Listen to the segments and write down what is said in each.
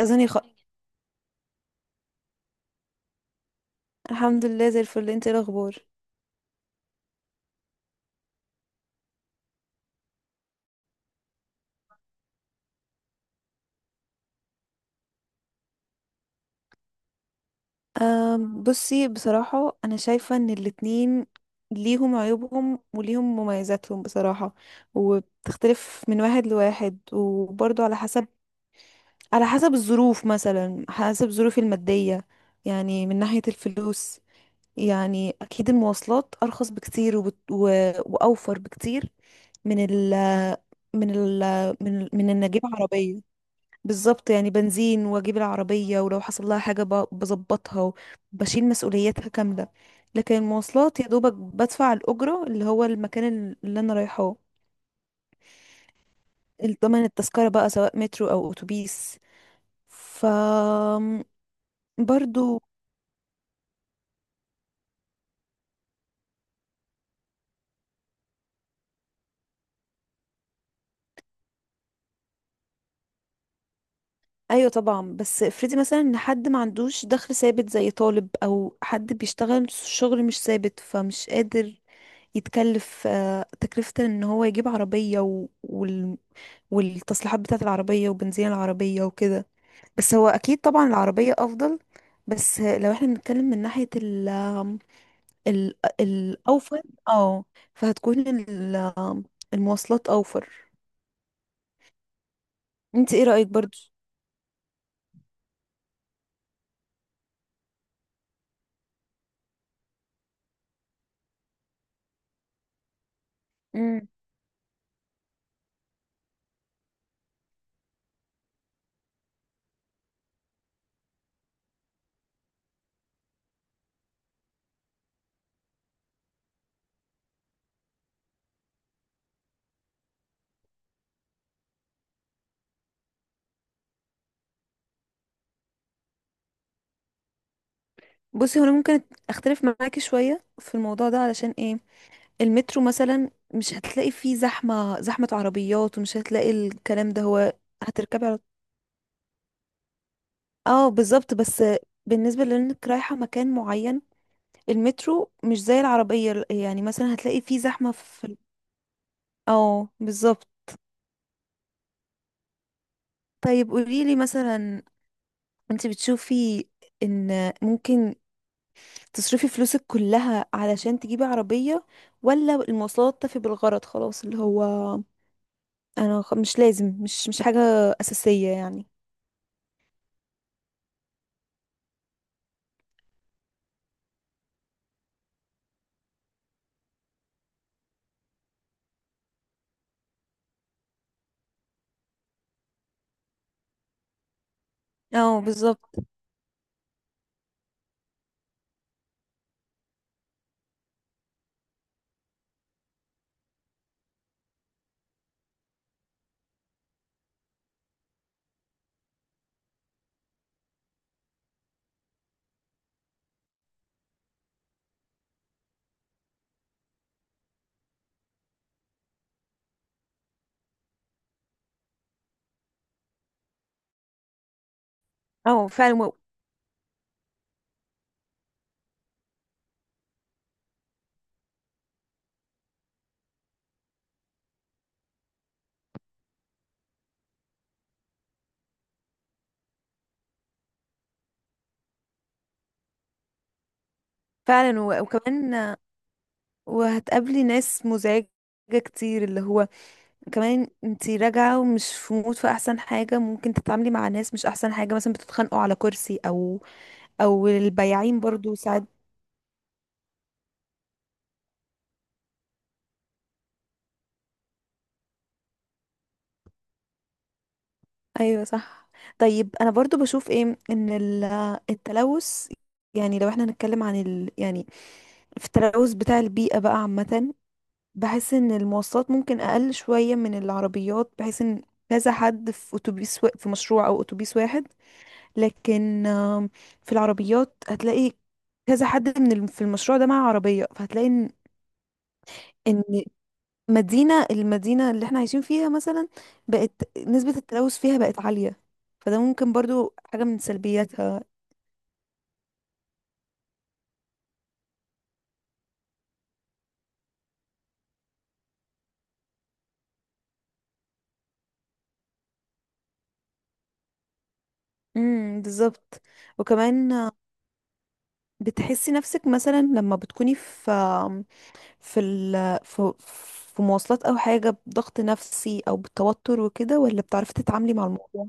اذاني خ... الحمد لله زي الفل، انت إيه الاخبار؟ بصي بصراحه، انا شايفه ان الاتنين ليهم عيوبهم وليهم مميزاتهم بصراحه، وبتختلف من واحد لواحد، وبرضه على حسب الظروف، مثلا حسب ظروفي الماديه. يعني من ناحيه الفلوس، يعني اكيد المواصلات ارخص بكتير واوفر بكتير من ال من ال من ان اجيب عربيه. بالظبط، يعني بنزين واجيب العربية، ولو حصل لها حاجة بظبطها وبشيل مسؤولياتها كاملة. لكن المواصلات يا دوبك بدفع الأجرة، اللي هو المكان اللي أنا رايحاه، الضمان التذكرة بقى سواء مترو أو أتوبيس. ف برضو. أيوة طبعا، بس افرضي مثلا إن حد ما عندوش دخل ثابت زي طالب أو حد بيشتغل شغل مش ثابت، فمش قادر يتكلف تكلفة إن هو يجيب عربية، والتصليحات بتاعة العربية وبنزين العربية وكده. بس هو أكيد طبعا العربية أفضل. بس لو احنا بنتكلم من ناحية ال الأوفر. اه. فهتكون ال- المواصلات أوفر. انت ايه رأيك برضو؟ مم. بصي هو انا ممكن اختلف معاكي شوية في الموضوع ده. علشان ايه؟ المترو مثلا مش هتلاقي فيه زحمة، زحمة عربيات، ومش هتلاقي الكلام ده. هو هتركبي على... اه بالظبط، بس بالنسبة لانك رايحة مكان معين، المترو مش زي العربية، يعني مثلا هتلاقي فيه زحمة في... اه بالظبط. طيب قوليلي مثلا، انت بتشوفي ان ممكن تصرفي فلوسك كلها علشان تجيبي عربية، ولا المواصلات تفي بالغرض خلاص، اللي هو مش لازم، مش حاجة أساسية يعني؟ اه بالظبط. اه فعلا و- وكمان وهتقابلي ناس مزعجة كتير، اللي هو كمان انتي راجعة ومش في مود، في احسن حاجة ممكن تتعاملي مع ناس؟ مش احسن حاجة، مثلا بتتخانقوا على كرسي او البياعين برضو ساعات. ايوه صح. طيب انا برضو بشوف ايه، ان التلوث، يعني لو احنا هنتكلم عن ال... يعني في التلوث بتاع البيئة بقى عامة، بحس ان المواصلات ممكن اقل شوية من العربيات، بحيث ان كذا حد في اتوبيس في مشروع او اتوبيس واحد، لكن في العربيات هتلاقي كذا حد في المشروع ده معاه عربية، فهتلاقي ان... إن المدينة اللي احنا عايشين فيها مثلا، بقت نسبة التلوث فيها بقت عالية، فده ممكن برضو حاجة من سلبياتها. بالظبط. وكمان بتحسي نفسك مثلا لما بتكوني في في ال في مواصلات او حاجة، بضغط نفسي او بالتوتر وكده، ولا بتعرفي تتعاملي مع الموضوع؟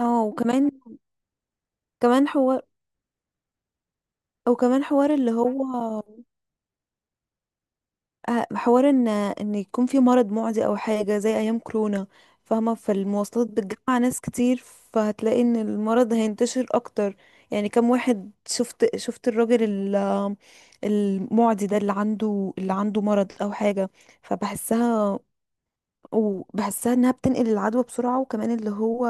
اه وكمان، كمان حوار وكمان حوار اللي هو حوار ان يكون في مرض معدي او حاجه زي ايام كورونا، فاهمه. فالمواصلات بتجمع ناس كتير، فهتلاقي ان المرض هينتشر اكتر. يعني كم واحد شفت الراجل المعدي ده اللي عنده مرض او حاجه، فبحسها. وبحسها انها بتنقل العدوى بسرعه. وكمان اللي هو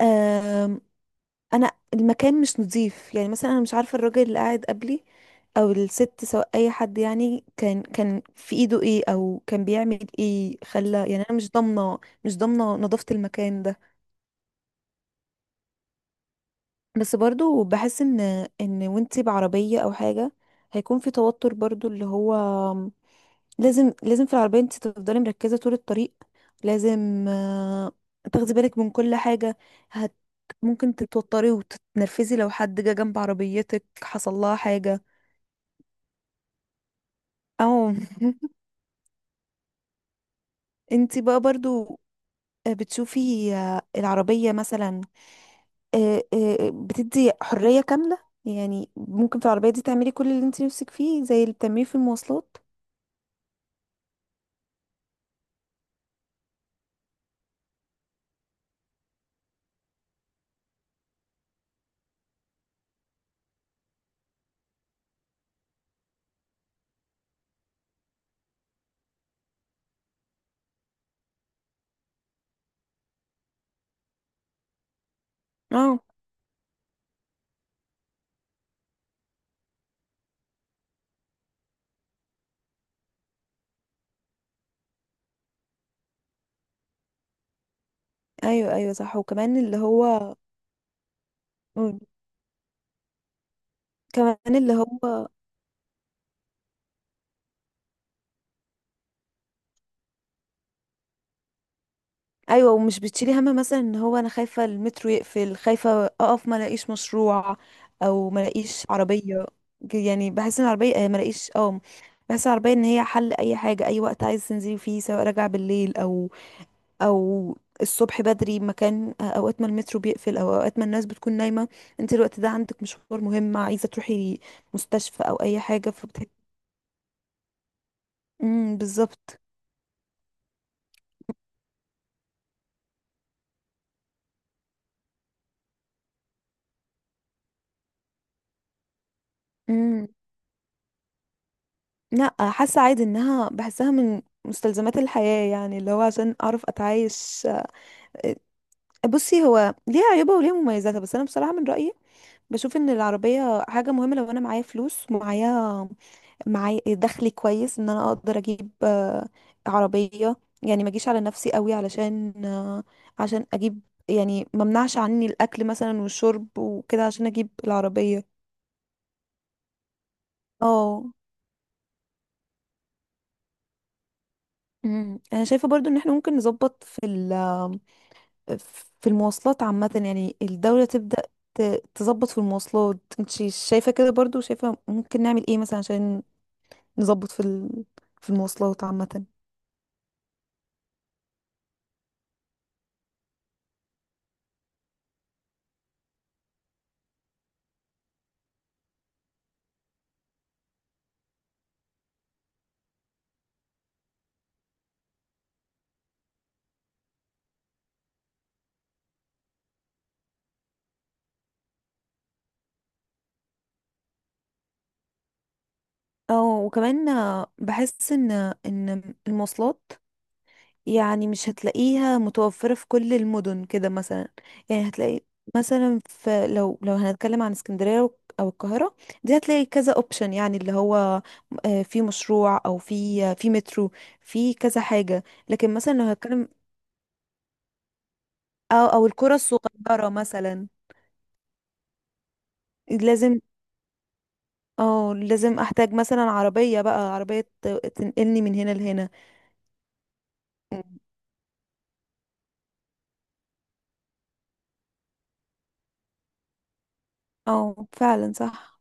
آه، انا المكان مش نظيف. يعني مثلا انا مش عارفه الراجل اللي قاعد قبلي او الست، سواء اي حد، يعني كان في ايده ايه، او كان بيعمل ايه، خلى يعني انا مش ضامنه نظافه المكان ده. بس برضو بحس ان، وانتي بعربيه او حاجه هيكون في توتر برضو، اللي هو لازم، لازم في العربية انت تفضلي مركزة طول الطريق، لازم تاخدي بالك من كل حاجة. هت ممكن تتوتري وتتنرفزي لو حد جه جنب عربيتك حصل لها حاجة، او انت بقى برضو، بتشوفي العربية مثلا بتدي حرية كاملة؟ يعني ممكن في العربية دي تعملي كل اللي انت نفسك فيه، زي اللي بتعمليه في المواصلات. اه، ايوه ايوه صح وكمان اللي هو. مم. كمان اللي هو، ايوه ومش بتشيلي هم مثلا ان هو انا خايفه المترو يقفل، خايفه اقف ما الاقيش مشروع او ما الاقيش عربيه. يعني بحس ان العربيه ما الاقيش، اه. بحس العربيه ان هي حل اي حاجه، اي وقت عايز تنزلي فيه، سواء راجعه بالليل او الصبح بدري، مكان اوقات ما المترو بيقفل او اوقات ما الناس بتكون نايمه، انت الوقت ده عندك مشوار مهم عايزه تروحي مستشفى او اي حاجه، فبتحب. بالظبط. لا، حاسه عادي، انها بحسها من مستلزمات الحياه، يعني اللي هو عشان اعرف اتعايش. بصي هو ليها عيوبها وليها مميزاتها، بس انا بصراحه من رايي بشوف ان العربيه حاجه مهمه. لو انا معايا فلوس، معايا دخل كويس، ان انا اقدر اجيب عربيه. يعني ما اجيش على نفسي قوي علشان عشان اجيب. يعني ما منعش عني الاكل مثلا والشرب وكده عشان اجيب العربيه. اه. انا شايفه برضو ان احنا ممكن نظبط في المواصلات عامة. يعني الدولة تبدأ تظبط في المواصلات. انت شايفة كده برضو؟ شايفة ممكن نعمل ايه مثلا عشان نظبط في ال... في المواصلات عامة؟ اه وكمان بحس ان المواصلات يعني مش هتلاقيها متوفرة في كل المدن كده مثلا. يعني هتلاقي مثلا في، لو هنتكلم عن اسكندرية او القاهرة، دي هتلاقي كذا اوبشن، يعني اللي هو في مشروع او في في مترو، في كذا حاجة. لكن مثلا لو هتكلم او القرى الصغيرة مثلا. لازم. اه لازم احتاج مثلا عربية، بقى عربية تنقلني من هنا لهنا. اه فعلا صح.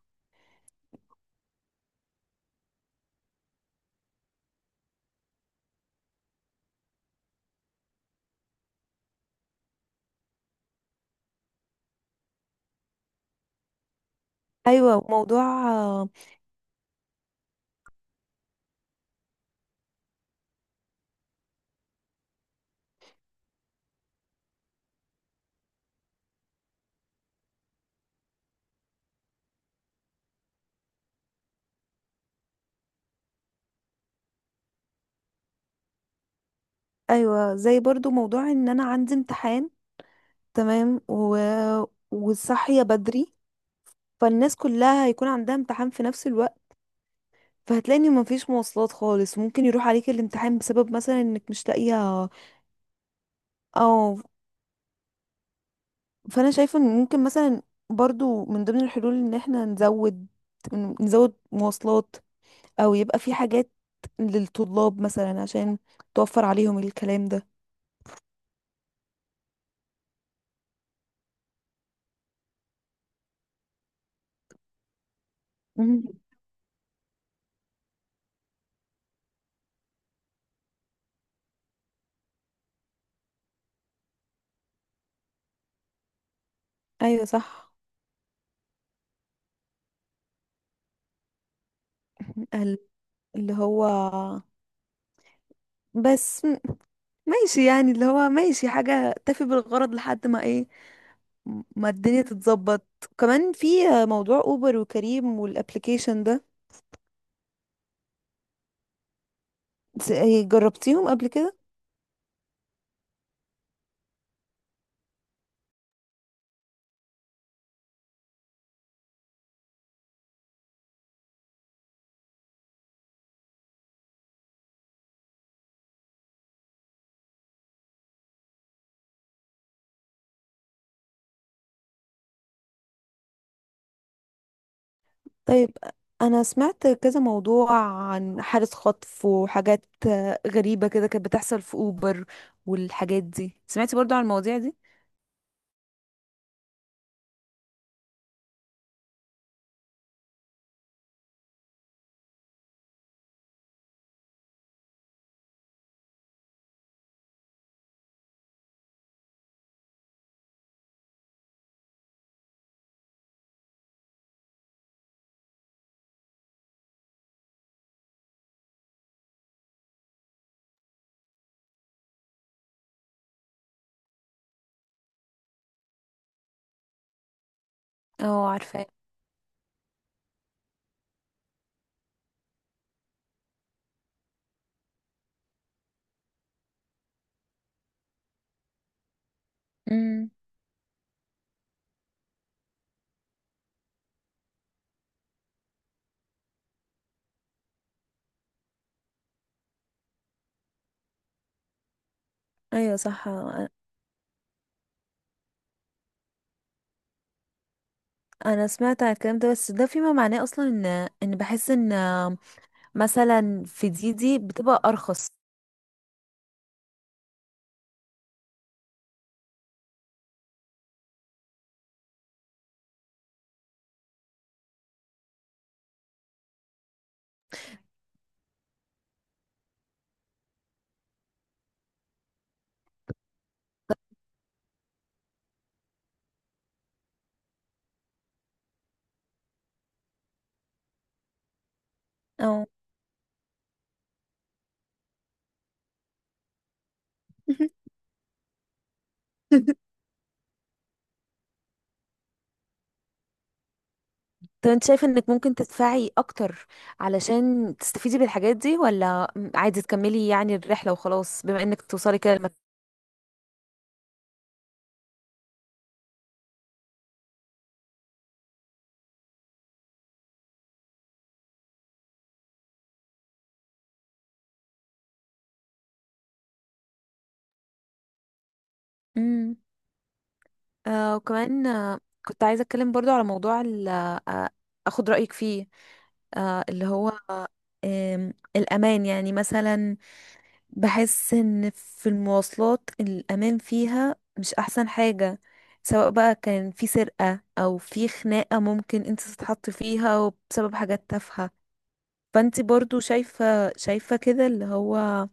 ايوه موضوع، آه، ايوه زي برضو موضوع ان انا عندي امتحان، تمام. وصاحية بدري، فالناس كلها هيكون عندها امتحان في نفس الوقت، فهتلاقي ان مفيش مواصلات خالص، ممكن يروح عليك الامتحان بسبب مثلا انك مش لاقيها. او فانا شايفة ان ممكن مثلا برضو من ضمن الحلول ان احنا نزود مواصلات، او يبقى في حاجات للطلاب مثلا عشان توفر عليهم الكلام ده. مم. ايوه صح. ال- اللي هو بس ماشي، يعني اللي هو ماشي حاجة تفي بالغرض لحد ما ايه، ما الدنيا تتظبط. كمان في موضوع اوبر وكريم والابليكيشن ده، س- جربتيهم قبل كده؟ طيب، انا سمعت كذا موضوع عن حالة خطف وحاجات غريبة كده كانت بتحصل في اوبر، والحاجات دي سمعتي برضو عن المواضيع دي؟ اه عارفاه. امم ايوه صح. انا سمعت عن الكلام ده، بس ده فيما معناه اصلا ان بحس ان مثلا في دي دي بتبقى ارخص. اه. طب انت شايفة انك ممكن تدفعي اكتر علشان تستفيدي بالحاجات دي، ولا عادي تكملي يعني الرحلة وخلاص بما انك توصلي كده لمكان؟ امم. آه وكمان آه كنت عايزة اتكلم برضو على موضوع اخد رأيك فيه، اللي هو آه آم، الامان، يعني مثلا بحس ان في المواصلات الامان فيها مش احسن حاجة، سواء بقى كان في سرقة او في خناقة ممكن انت تتحطي فيها بسبب حاجات تافهة. فانت برضو شايفة كده، اللي هو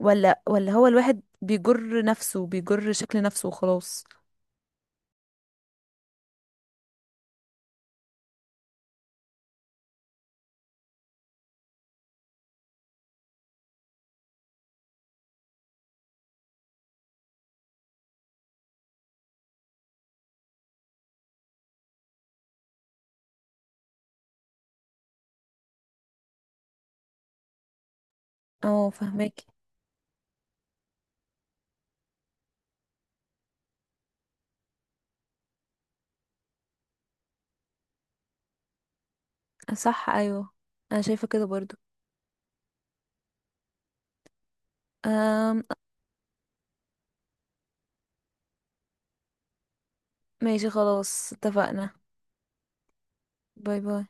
ولا هو الواحد بيجر نفسه، بيجر شكل نفسه وخلاص؟ اه فهماكي. صح ايوه، انا شايفة كده برضو. أم ماشي خلاص، اتفقنا. باي باي.